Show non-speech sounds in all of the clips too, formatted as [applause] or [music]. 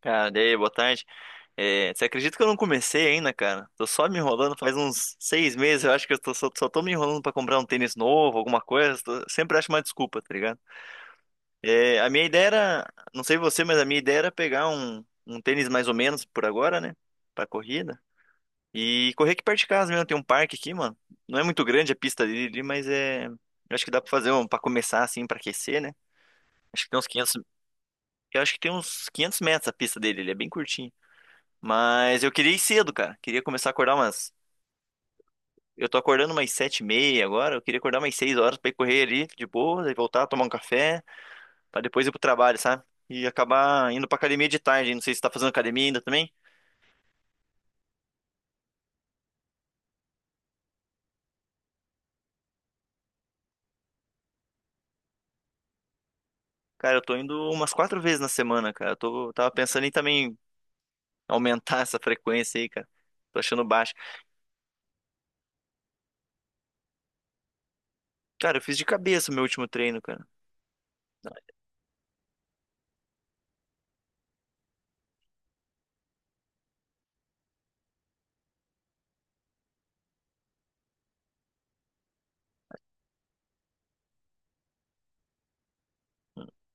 Cara, e aí, boa tarde. É, você acredita que eu não comecei ainda, cara? Tô só me enrolando faz uns seis meses, eu acho que eu tô, só tô me enrolando pra comprar um tênis novo, alguma coisa. Sempre acho uma desculpa, tá ligado? É, a minha ideia era, não sei você, mas a minha ideia era pegar um tênis mais ou menos por agora, né? Pra corrida. E correr aqui perto de casa mesmo, tem um parque aqui, mano. Não é muito grande a pista dele, ali, mas é. Eu acho que dá pra fazer um, pra começar assim, pra aquecer, né? Acho que tem uns 500. Eu acho que tem uns 500 metros a pista dele, ele é bem curtinho. Mas eu queria ir cedo, cara. Queria começar a acordar umas. Eu tô acordando umas sete e meia agora. Eu queria acordar umas seis horas pra ir correr ali de boa, daí voltar, tomar um café, pra depois ir pro trabalho, sabe? E acabar indo pra academia de tarde. Não sei se tá fazendo academia ainda também. Cara, eu tô indo umas quatro vezes na semana, cara. Tava pensando em também aumentar [laughs] essa frequência aí, cara. Tô achando baixo. Cara, eu fiz de cabeça o meu último treino, cara.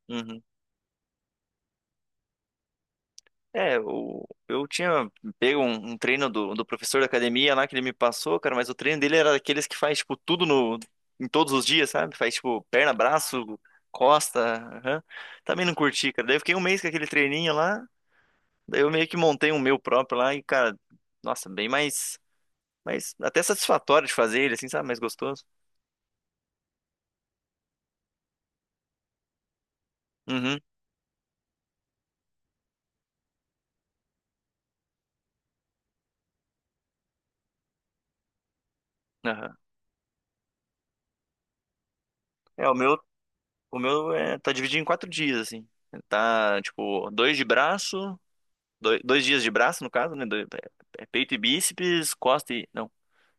Uhum. Eu tinha pego um treino do professor da academia lá que ele me passou, cara, mas o treino dele era daqueles que faz, tipo, tudo no, em todos os dias, sabe? Faz, tipo, perna, braço, costa, aham. Também não curti, cara. Daí eu fiquei um mês com aquele treininho lá, daí eu meio que montei um meu próprio lá e, cara, nossa, bem mais, mais até satisfatório de fazer ele, assim, sabe? Mais gostoso. Uhum, aham. É, o meu, o meu é, tá dividido em quatro dias, assim. Tá, tipo, dois de braço. Dois dias de braço, no caso, né? É peito e bíceps, costa e. Não,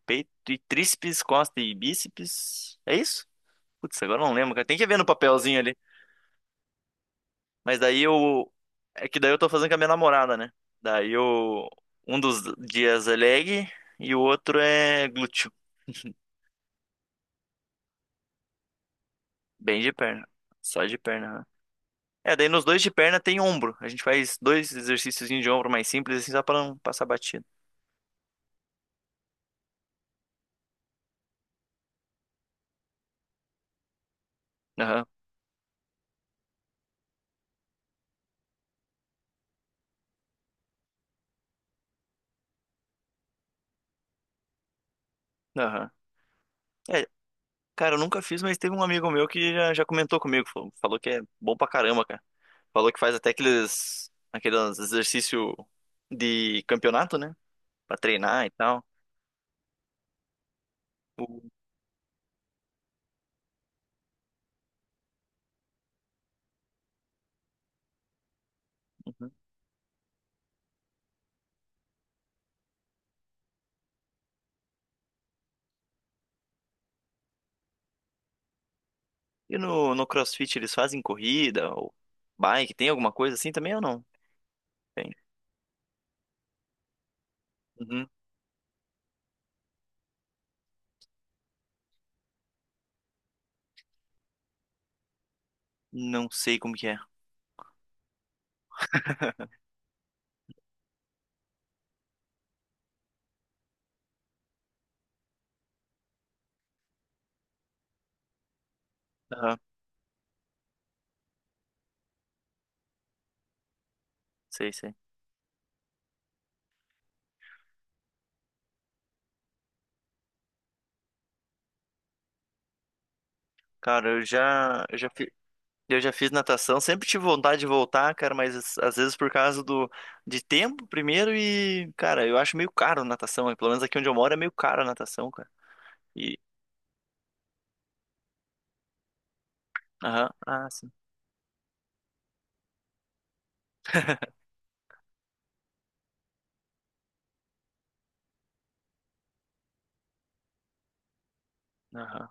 peito e tríceps, costa e bíceps. É isso? Putz, agora eu não lembro, cara. Tem que ver no papelzinho ali. Mas daí eu. É que daí eu tô fazendo com a minha namorada, né? Daí eu. Um dos dias é leg e o outro é glúteo. Bem de perna. Só de perna, né? É, daí nos dois de perna tem ombro. A gente faz dois exercícios de ombro mais simples, assim, só pra não passar batido. Aham, aham. É, cara, eu nunca fiz, mas teve um amigo meu que já comentou comigo. Falou que é bom pra caramba, cara. Falou que faz até aqueles exercícios de campeonato, né? Pra treinar e tal. O- Uhum. E no CrossFit eles fazem corrida ou bike? Tem alguma coisa assim também ou não? Tem. Uhum. Não sei como que é. Aham, sei, sei. Cara, eu já fiz. Eu já fiz natação, sempre tive vontade de voltar, cara, mas às vezes por causa do de tempo primeiro e, cara, eu acho meio caro natação, pelo menos aqui onde eu moro é meio caro a natação, cara. E aham, ah, sim. Aham.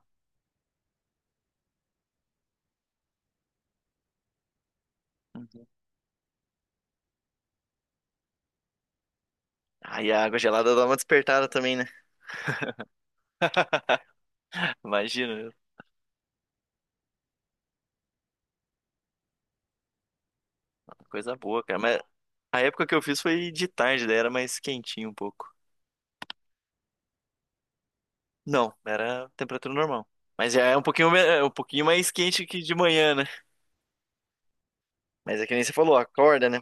Uhum. Aí a água gelada dá uma despertada também, né? [laughs] Imagina, coisa boa, cara, mas a época que eu fiz foi de tarde, daí era mais quentinho um pouco. Não, era temperatura normal. Mas já é um pouquinho, é um pouquinho mais quente que de manhã, né? Mas é que nem você falou, acorda, né?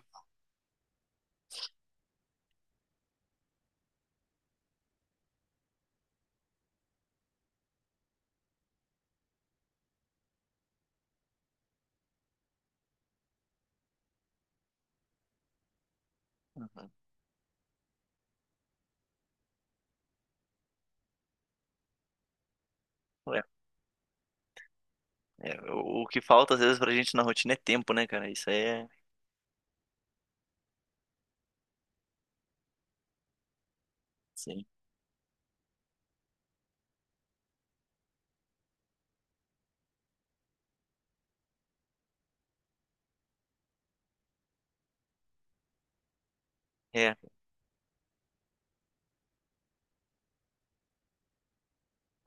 Uhum. É, o que falta às vezes pra gente na rotina é tempo, né, cara? Isso aí é. Sim. É,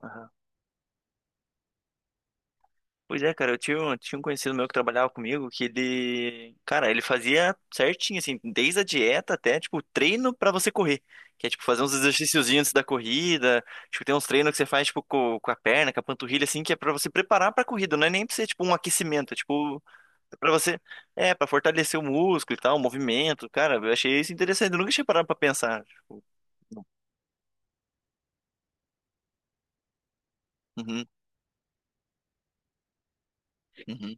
aham. Pois é, cara, tinha um conhecido meu que trabalhava comigo que ele. Cara, ele fazia certinho, assim, desde a dieta até, tipo, treino pra você correr. Que é, tipo, fazer uns exercíciozinhos antes da corrida. Tipo, tem uns treinos que você faz, tipo, com a perna, com a panturrilha, assim, que é pra você preparar pra corrida. Não é nem pra ser, tipo, um aquecimento. É, tipo, pra você. É, pra fortalecer o músculo e tal, o movimento. Cara, eu achei isso interessante. Eu nunca tinha parado pra pensar. Tipo, uhum, uhum.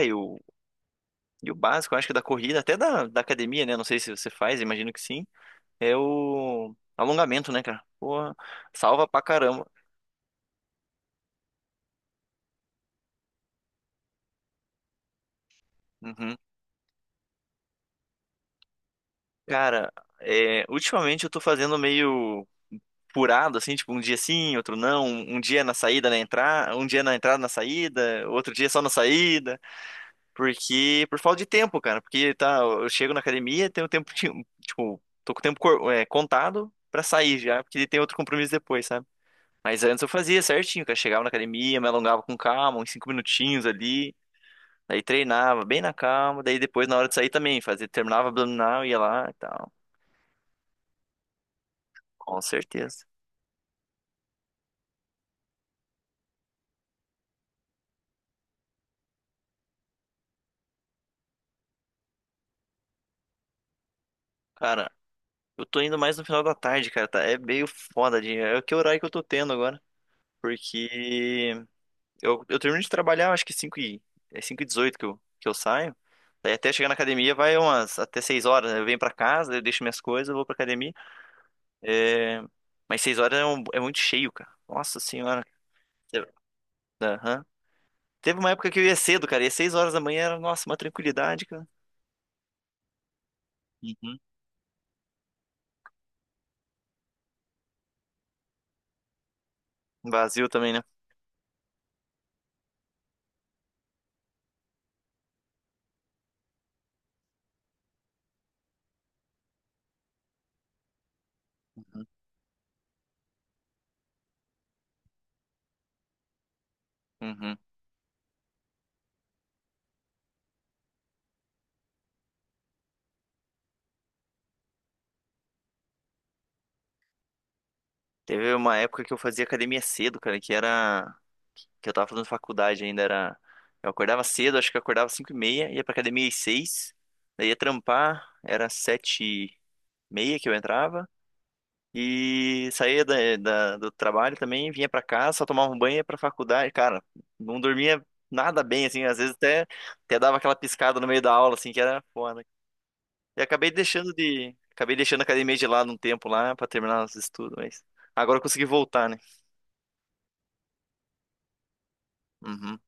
É, e o, e o básico, eu acho que da corrida, até da academia, né? Não sei se você faz, imagino que sim. É o alongamento, né, cara? Porra, salva pra caramba. Uhum. Cara, é, ultimamente eu tô fazendo meio furado, assim, tipo, um dia sim, outro não. Um dia na saída, na entrada, um dia na entrada, na saída, outro dia só na saída. Porque, por falta de tempo, cara. Porque, tá, eu chego na academia, tenho tempo, tipo, tô com o tempo contado pra sair já, porque tem outro compromisso depois, sabe? Mas antes eu fazia certinho, cara. Chegava na academia, me alongava com calma, uns cinco minutinhos ali. Daí treinava bem na calma. Daí depois, na hora de sair também, fazia, terminava abdominal, ia lá e tal. Com certeza. Cara, eu tô indo mais no final da tarde, cara, tá? É o que horário que eu tô tendo agora. Porque eu termino de trabalhar, acho que é 5 e 18 que que eu saio. Daí até chegar na academia vai umas até 6 horas, né? Eu venho pra casa, eu deixo minhas coisas, eu vou pra academia. É, mas seis horas é, é muito cheio, cara. Nossa senhora. Te- Aham. Teve uma época que eu ia cedo, cara. E às seis horas da manhã era, nossa, uma tranquilidade, cara. Uhum. Vazio também, né? Uhum. Teve uma época que eu fazia academia cedo, cara, que era. Que eu tava fazendo faculdade ainda, era. Eu acordava cedo, acho que eu acordava cinco e meia, ia pra academia às seis, daí ia trampar, era sete e meia que eu entrava. E saía do trabalho também, vinha pra casa, só tomava um banho, e ia pra faculdade. Cara, não dormia nada bem, assim, até dava aquela piscada no meio da aula, assim, que era foda. E acabei deixando a academia de lado um tempo lá pra terminar os estudos, mas agora eu consegui voltar, né? Uhum.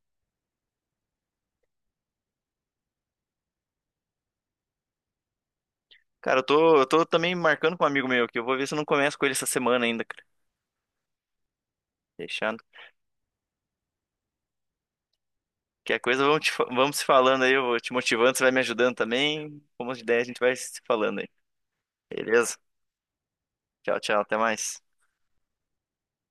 Cara, eu tô também marcando com um amigo meu aqui, eu vou ver se eu não começo com ele essa semana ainda, cara. Deixando. Que a coisa, vamos, vamos se falando aí, eu vou te motivando, você vai me ajudando também. Como de ideia, a gente vai se falando aí. Beleza? Tchau, tchau, até mais.